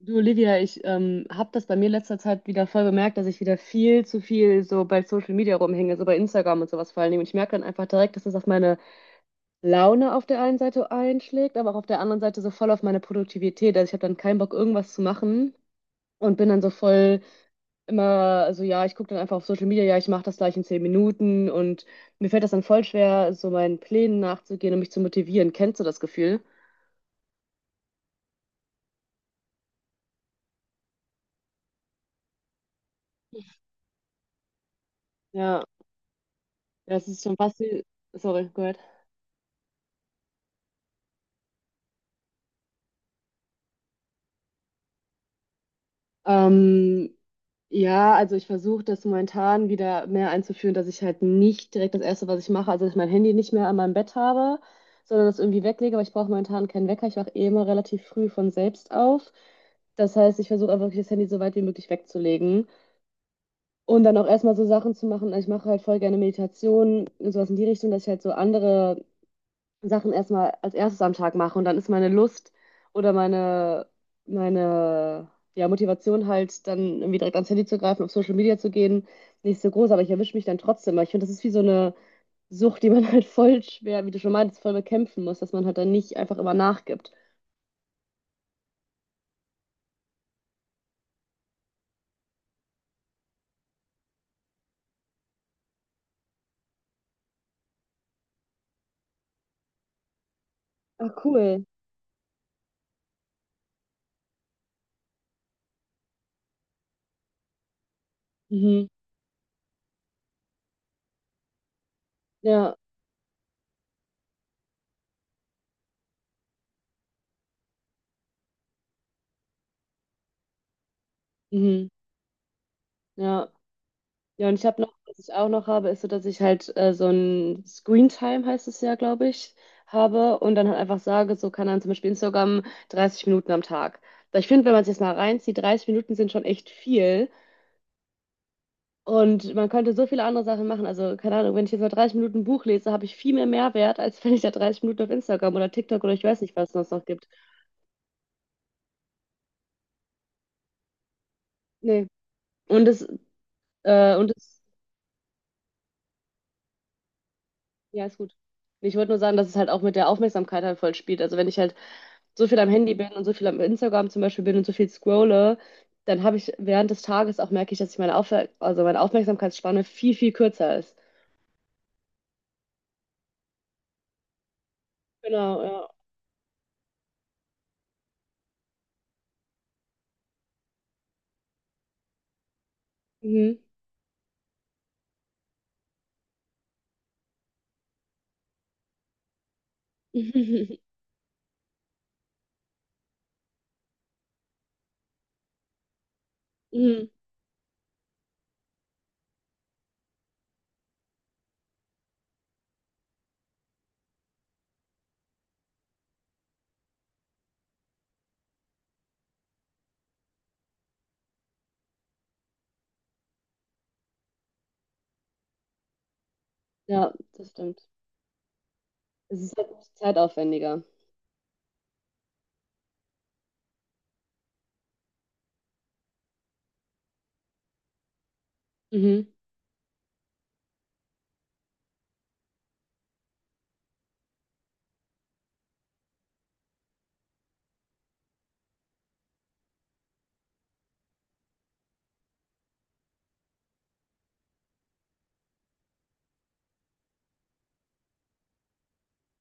Du, Olivia, ich habe das bei mir letzter Zeit wieder voll bemerkt, dass ich wieder viel zu viel so bei Social Media rumhänge, so bei Instagram und sowas vor allen Dingen. Und ich merke dann einfach direkt, dass das auf meine Laune auf der einen Seite einschlägt, aber auch auf der anderen Seite so voll auf meine Produktivität. Also ich habe dann keinen Bock, irgendwas zu machen und bin dann so voll immer so, ja, ich gucke dann einfach auf Social Media, ja, ich mache das gleich in 10 Minuten. Und mir fällt das dann voll schwer, so meinen Plänen nachzugehen und mich zu motivieren. Kennst du das Gefühl? Ja, das ist schon fast wie... Sorry, go ahead. Ähm, Ja, also ich versuche das momentan wieder mehr einzuführen, dass ich halt nicht direkt das Erste, was ich mache, also dass ich mein Handy nicht mehr an meinem Bett habe, sondern das irgendwie weglege, aber ich brauche momentan keinen Wecker. Ich wache eh immer relativ früh von selbst auf. Das heißt, ich versuche einfach wirklich das Handy so weit wie möglich wegzulegen und dann auch erstmal so Sachen zu machen. Ich mache halt voll gerne Meditationen, und sowas in die Richtung, dass ich halt so andere Sachen erstmal als erstes am Tag mache und dann ist meine Lust oder meine, ja, Motivation halt dann irgendwie direkt ans Handy zu greifen, auf Social Media zu gehen, nicht so groß, aber ich erwische mich dann trotzdem, weil ich finde, das ist wie so eine Sucht, die man halt voll schwer, wie du schon meintest, voll bekämpfen muss, dass man halt dann nicht einfach immer nachgibt. Ach, cool. Mhm. Ja, mhm. Ja. Ja, und ich habe noch, was ich auch noch habe, ist so, dass ich halt so ein Screen Time heißt es ja, glaube ich, habe und dann halt einfach sage, so kann dann zum Beispiel Instagram 30 Minuten am Tag. Weil ich finde, wenn man es jetzt mal reinzieht, 30 Minuten sind schon echt viel und man könnte so viele andere Sachen machen. Also, keine Ahnung, wenn ich jetzt mal 30 Minuten ein Buch lese, habe ich viel mehr Mehrwert, als wenn ich da 30 Minuten auf Instagram oder TikTok oder ich weiß nicht, was es sonst noch gibt. Nee. Und es, und es, ja, ist gut. Ich wollte nur sagen, dass es halt auch mit der Aufmerksamkeit halt voll spielt. Also wenn ich halt so viel am Handy bin und so viel am Instagram zum Beispiel bin und so viel scrolle, dann habe ich während des Tages auch merke ich, dass ich meine Aufwer also meine Aufmerksamkeitsspanne viel kürzer ist. Genau, ja. Mhm. Mhm. Ja, das stimmt. Es ist halt zeitaufwendiger. Mhm.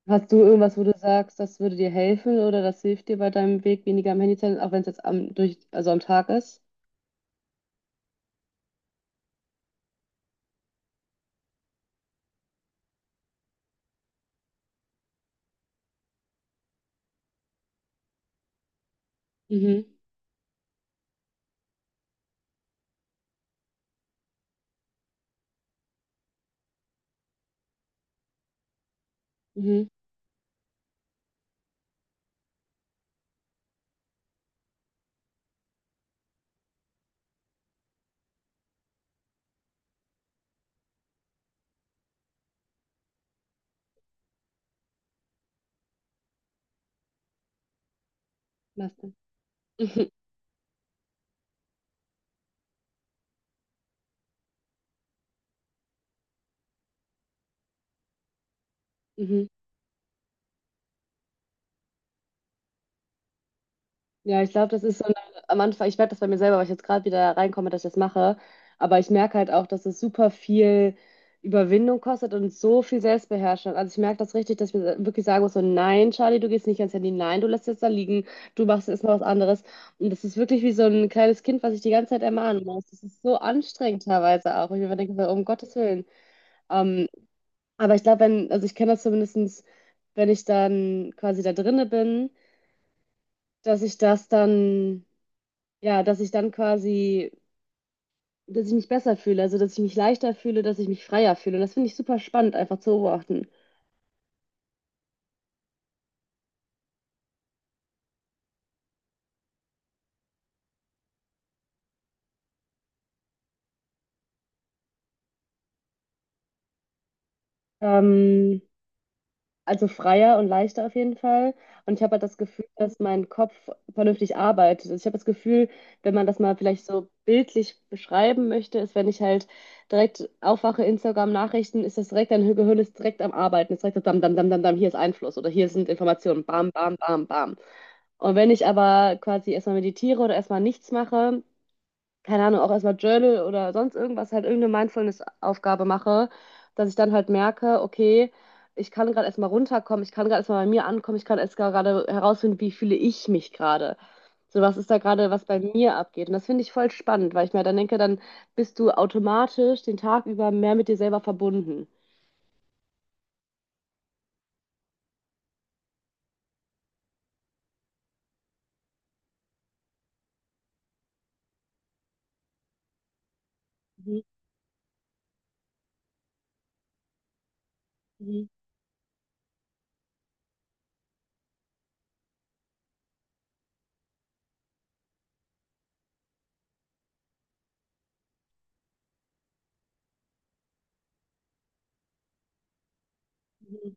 Hast du irgendwas, wo du sagst, das würde dir helfen oder das hilft dir bei deinem Weg, weniger am Handy zu sein, auch wenn es jetzt also am Tag ist? Mhm. Mhm. Was denn? Mhm. Ja, ich glaube, das ist so eine, am Anfang, ich merke das bei mir selber, weil ich jetzt gerade wieder reinkomme, dass ich das mache. Aber ich merke halt auch, dass es super viel Überwindung kostet und so viel Selbstbeherrschung. Also ich merke das richtig, dass ich mir wirklich sagen muss, so nein, Charlie, du gehst nicht ans Handy, nein, du lässt es da liegen, du machst jetzt mal was anderes. Und das ist wirklich wie so ein kleines Kind, was ich die ganze Zeit ermahnen muss. Das ist so anstrengend teilweise auch. Und ich mir immer denke, so, um Gottes Willen. Ähm, aber ich glaube, wenn, also ich kenne das zumindestens, wenn ich dann quasi da drinne bin, dass ich das dann. Ja, dass ich dann quasi, dass ich mich besser fühle, also dass ich mich leichter fühle, dass ich mich freier fühle. Das finde ich super spannend, einfach zu beobachten. Ähm, also freier und leichter auf jeden Fall. Und ich habe halt das Gefühl, dass mein Kopf vernünftig arbeitet. Also ich habe das Gefühl, wenn man das mal vielleicht so bildlich beschreiben möchte, ist, wenn ich halt direkt aufwache, Instagram-Nachrichten, ist das direkt, dein Gehirn ist direkt am Arbeiten. Ist direkt so, dam, dam, dam, dam, dam, hier ist Einfluss oder hier sind Informationen. Bam, bam, bam, bam. Und wenn ich aber quasi erstmal meditiere oder erstmal nichts mache, keine Ahnung, auch erstmal Journal oder sonst irgendwas, halt irgendeine Mindfulness-Aufgabe mache, dass ich dann halt merke, okay, ich kann gerade erstmal runterkommen, ich kann gerade erstmal bei mir ankommen, ich kann erst gerade herausfinden, wie fühle ich mich gerade. So, was ist da gerade, was bei mir abgeht? Und das finde ich voll spannend, weil ich mir dann denke, dann bist du automatisch den Tag über mehr mit dir selber verbunden. Mhm, mhm, mhm,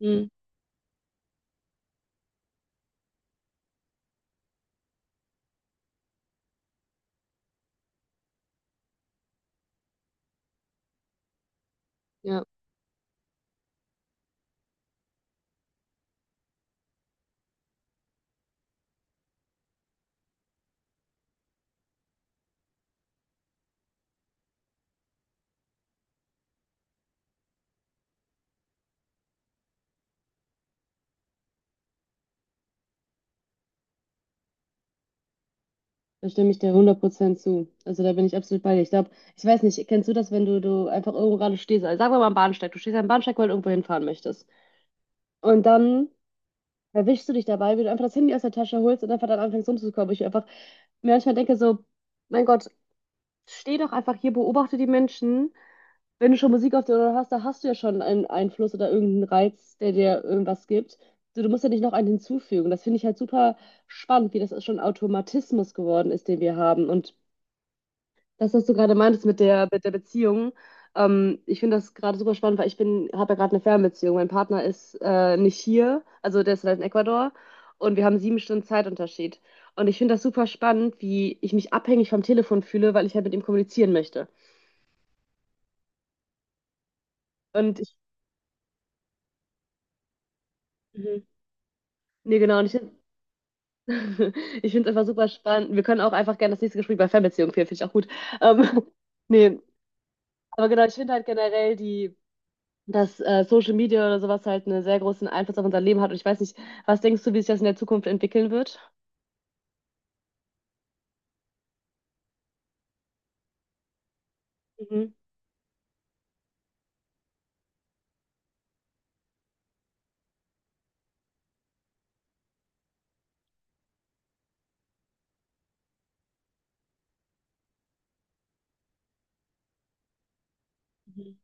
mhm. Ja. Da stimme ich dir 100% zu. Also da bin ich absolut bei dir. Ich glaube, ich weiß nicht, kennst du das, wenn du einfach irgendwo gerade stehst? Also sagen wir mal am Bahnsteig. Du stehst am Bahnsteig, weil du irgendwo hinfahren möchtest. Und dann erwischst du dich dabei, wie du einfach das Handy aus der Tasche holst und einfach dann anfängst rumzukommen. Ich einfach mir manchmal denke so, mein Gott, steh doch einfach hier, beobachte die Menschen. Wenn du schon Musik auf der Ohren hast, da hast du ja schon einen Einfluss oder irgendeinen Reiz, der dir irgendwas gibt. So, du musst ja nicht noch einen hinzufügen. Das finde ich halt super spannend, wie das schon ein Automatismus geworden ist, den wir haben. Und das, was du gerade meintest mit der Beziehung, ich finde das gerade super spannend, weil habe ja gerade eine Fernbeziehung. Mein Partner ist nicht hier, also der ist halt in Ecuador und wir haben 7 Stunden Zeitunterschied. Und ich finde das super spannend, wie ich mich abhängig vom Telefon fühle, weil ich halt mit ihm kommunizieren möchte. Und ich, mhm. nee, genau, und ich, find- Ich finde es einfach super spannend. Wir können auch einfach gerne das nächste Gespräch bei Fernbeziehung führen, finde ich auch gut. Ähm, nee, aber genau, ich finde halt generell die dass Social Media oder sowas halt einen sehr großen Einfluss auf unser Leben hat. Und ich weiß nicht, was denkst du, wie sich das in der Zukunft entwickeln wird? Mhm. Mhm.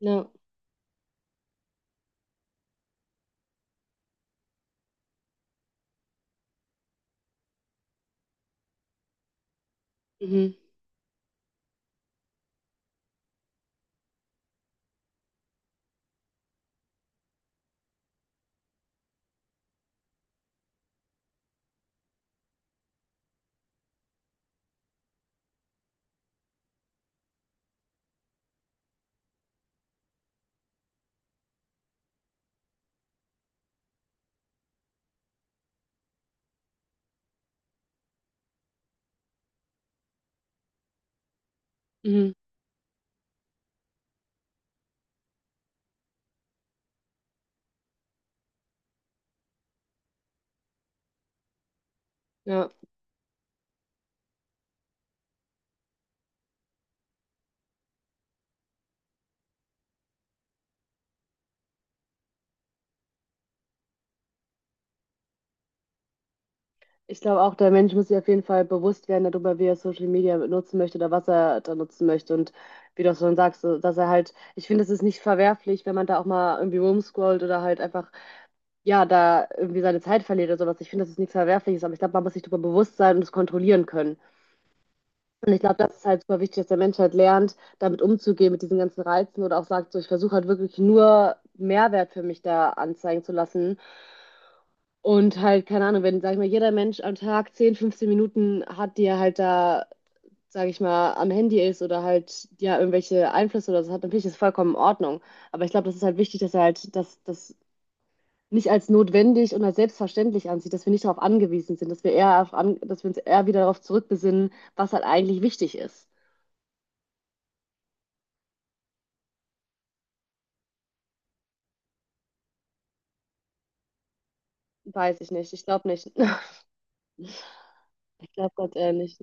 Ja, mhm. Mhm. Ja. Ich glaube auch, der Mensch muss sich auf jeden Fall bewusst werden darüber, wie er Social Media nutzen möchte oder was er da nutzen möchte. Und wie du auch schon sagst, so, dass er halt, ich finde, es ist nicht verwerflich, wenn man da auch mal irgendwie rumscrollt oder halt einfach, ja, da irgendwie seine Zeit verliert oder sowas. Ich finde, das ist nichts Verwerfliches, aber ich glaube, man muss sich darüber bewusst sein und es kontrollieren können. Und ich glaube, das ist halt super wichtig, dass der Mensch halt lernt, damit umzugehen, mit diesen ganzen Reizen oder auch sagt, so, ich versuche halt wirklich nur Mehrwert für mich da anzeigen zu lassen. Und halt, keine Ahnung, wenn, sag ich mal, jeder Mensch am Tag 10, 15 Minuten hat, die er halt da, sag ich mal, am Handy ist oder halt, ja, irgendwelche Einflüsse oder so hat, dann finde ich das vollkommen in Ordnung. Aber ich glaube, das ist halt wichtig, dass er halt das nicht als notwendig und als selbstverständlich ansieht, dass wir nicht darauf angewiesen sind, dass wir dass wir uns eher wieder darauf zurückbesinnen, was halt eigentlich wichtig ist. Weiß ich nicht. Ich glaube nicht. Ich glaube Gott, nicht.